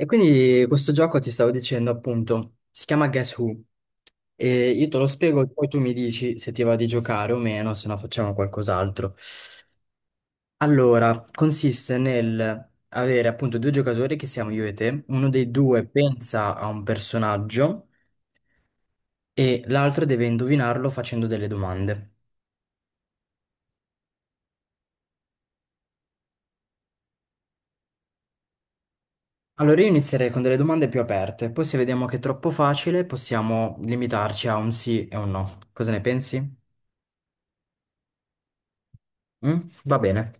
E quindi questo gioco ti stavo dicendo appunto, si chiama Guess Who e io te lo spiego e poi tu mi dici se ti va di giocare o meno, se no facciamo qualcos'altro. Allora, consiste nel avere appunto due giocatori che siamo io e te, uno dei due pensa a un personaggio e l'altro deve indovinarlo facendo delle domande. Allora io inizierei con delle domande più aperte, poi se vediamo che è troppo facile possiamo limitarci a un sì e un no. Cosa ne pensi? Mm? Va bene.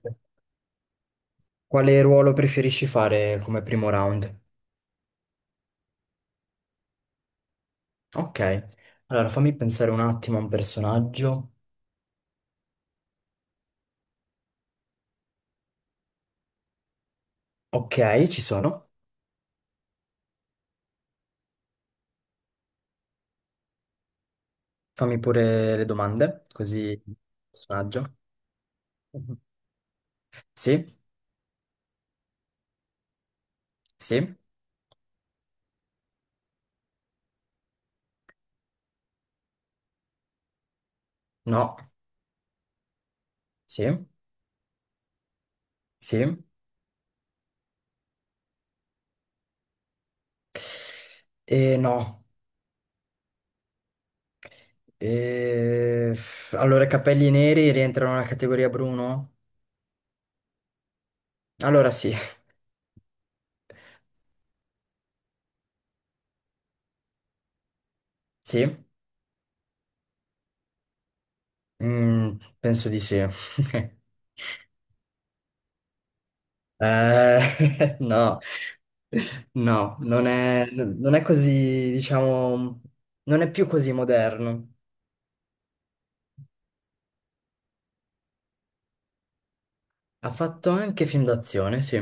Quale ruolo preferisci fare come primo round? Ok, allora fammi pensare un attimo a un personaggio. Ok, ci sono. Fammi pure le domande, così... Personaggio. Mhm. Sì, sì, no, sì, sì, e no. E... Allora, i capelli neri rientrano nella categoria Bruno? Allora sì, sì. Mm, penso di sì. No, no, non è così, diciamo, non è più così moderno. Ha fatto anche film d'azione, sì.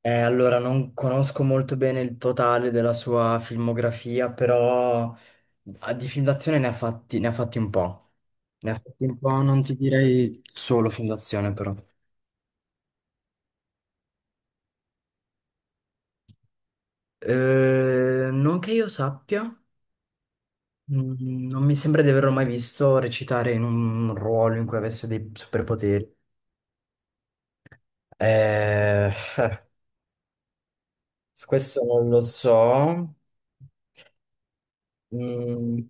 Allora, non conosco molto bene il totale della sua filmografia, però ah, di film d'azione ne ha fatti un po'. Ne ha fatti un po', non ti direi solo film d'azione, però. Non che io sappia. Mm, non mi sembra di averlo mai visto recitare in un ruolo in cui avesse dei superpoteri. Eh, su questo non lo so. Mm,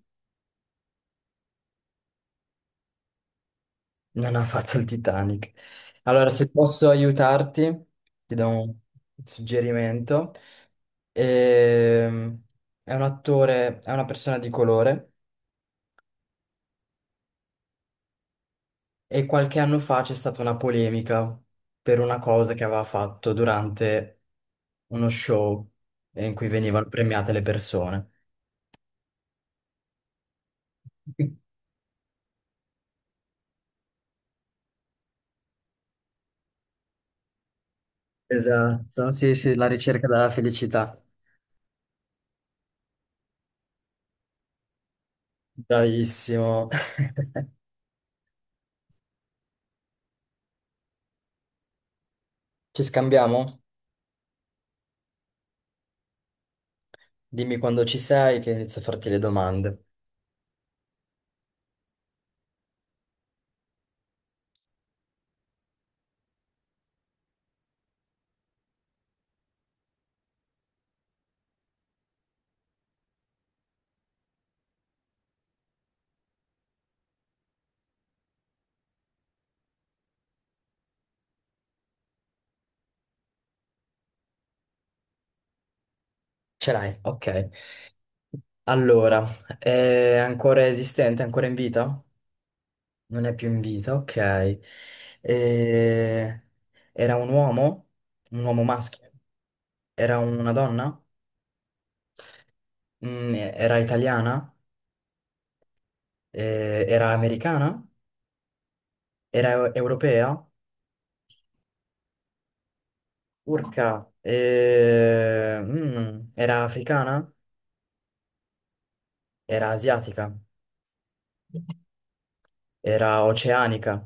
non ha fatto il Titanic. Allora, se posso aiutarti, ti do un suggerimento. Ehm, è un attore, è una persona di colore. E qualche anno fa c'è stata una polemica per una cosa che aveva fatto durante uno show in cui venivano premiate le persone. Esatto, sì, sì, la ricerca della felicità. Bravissimo. Ci scambiamo? Dimmi quando ci sei che inizio a farti le domande. Ce l'hai? Ok. Allora, è ancora esistente, ancora in vita? Non è più in vita, ok. E- Era un uomo? Un uomo maschio? Era una donna? Mm, era italiana? Era americana? Era europea? Urca. Era africana? Era asiatica? Era oceanica?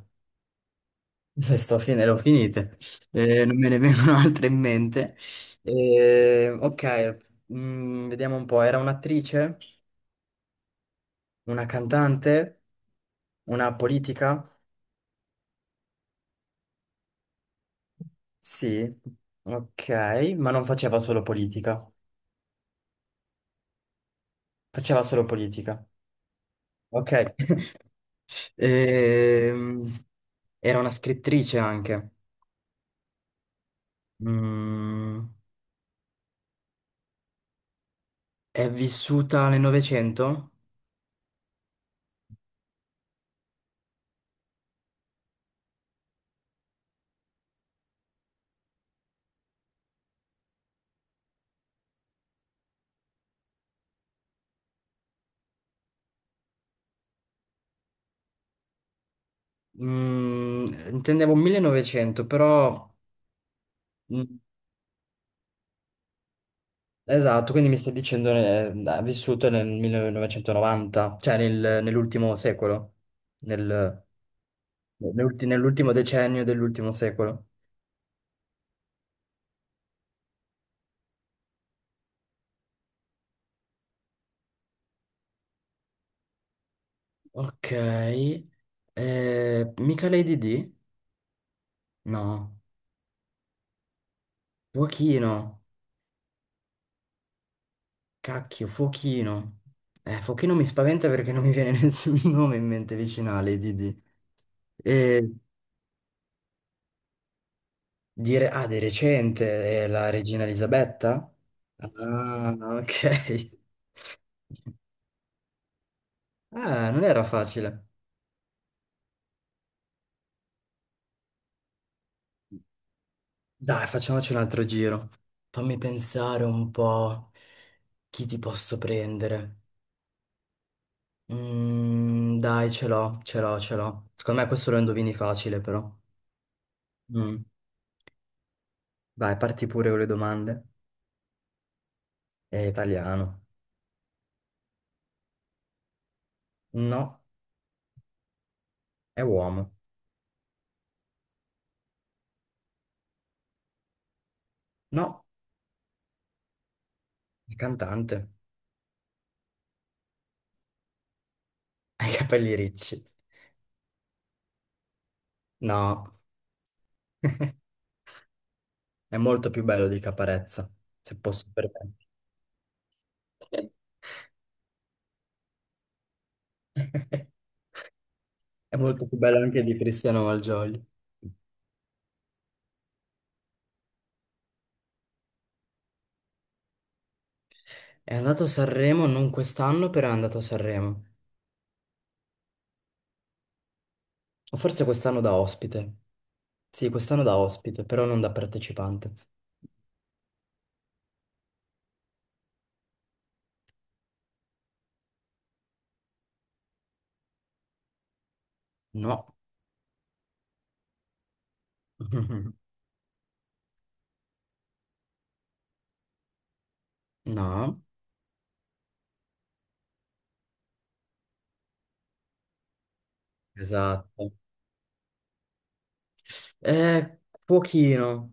Le ho finite. Non me ne vengono altre in mente. Ok, mm, vediamo un po'. Era un'attrice? Una cantante? Una politica? Sì, ok, ma non faceva solo politica. Faceva solo politica. Ok. Ehm, era una scrittrice anche. Mm, è vissuta nel Novecento? Mm, intendevo 1900, però... mm, esatto, quindi mi stai dicendo ha vissuto nel 1990, cioè nell'ultimo secolo, nel- nell'ultimo decennio dell'ultimo secolo. Ok, mica Lady D? No, fuochino, cacchio, fuochino. Fuochino mi spaventa perché non mi viene nessun nome in mente vicino a Lady D. Eh, di recente, la regina Elisabetta? Ah, ok. Ah, non era facile. Dai, facciamoci un altro giro. Fammi pensare un po' chi ti posso prendere. Mm, dai, ce l'ho. Secondo me questo lo indovini facile, però. Mm. Vai, parti pure con le domande. È italiano. No, è uomo. No, è cantante. Ha i capelli ricci. No, è molto più bello di Caparezza, se posso permettermi. È molto più bello anche di Cristiano Malgioglio. È andato a Sanremo non quest'anno, però è andato a Sanremo. O forse quest'anno da ospite. Sì, quest'anno da ospite, però non da partecipante. No. No, esatto. È fuochino.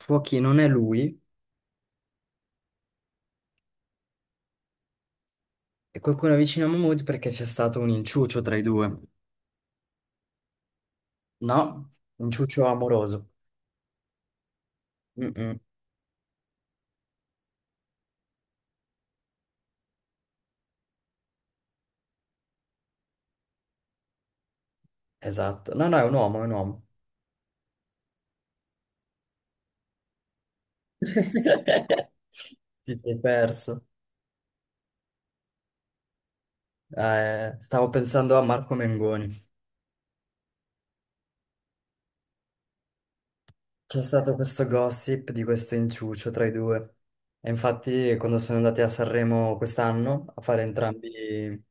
Fuochino non è lui. E qualcuno vicino a Mahmood perché c'è stato un inciucio tra i due. No, inciucio amoroso. Mm-mm. Esatto. No, no, è un uomo, è un uomo. Ti sei perso. Stavo pensando a Marco Mengoni. C'è stato questo gossip di questo inciucio tra i due. E infatti, quando sono andati a Sanremo quest'anno a fare entrambi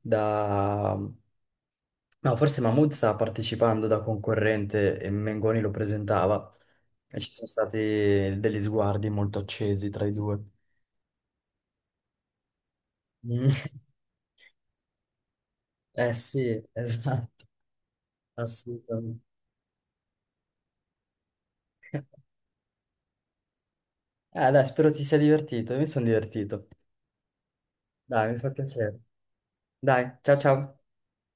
da... No, forse Mahmood stava partecipando da concorrente e Mengoni lo presentava e ci sono stati degli sguardi molto accesi tra i due. Mm. Eh sì, esatto, assolutamente. Dai, spero ti sia divertito, io mi sono divertito. Dai, mi fa piacere. Dai, ciao ciao.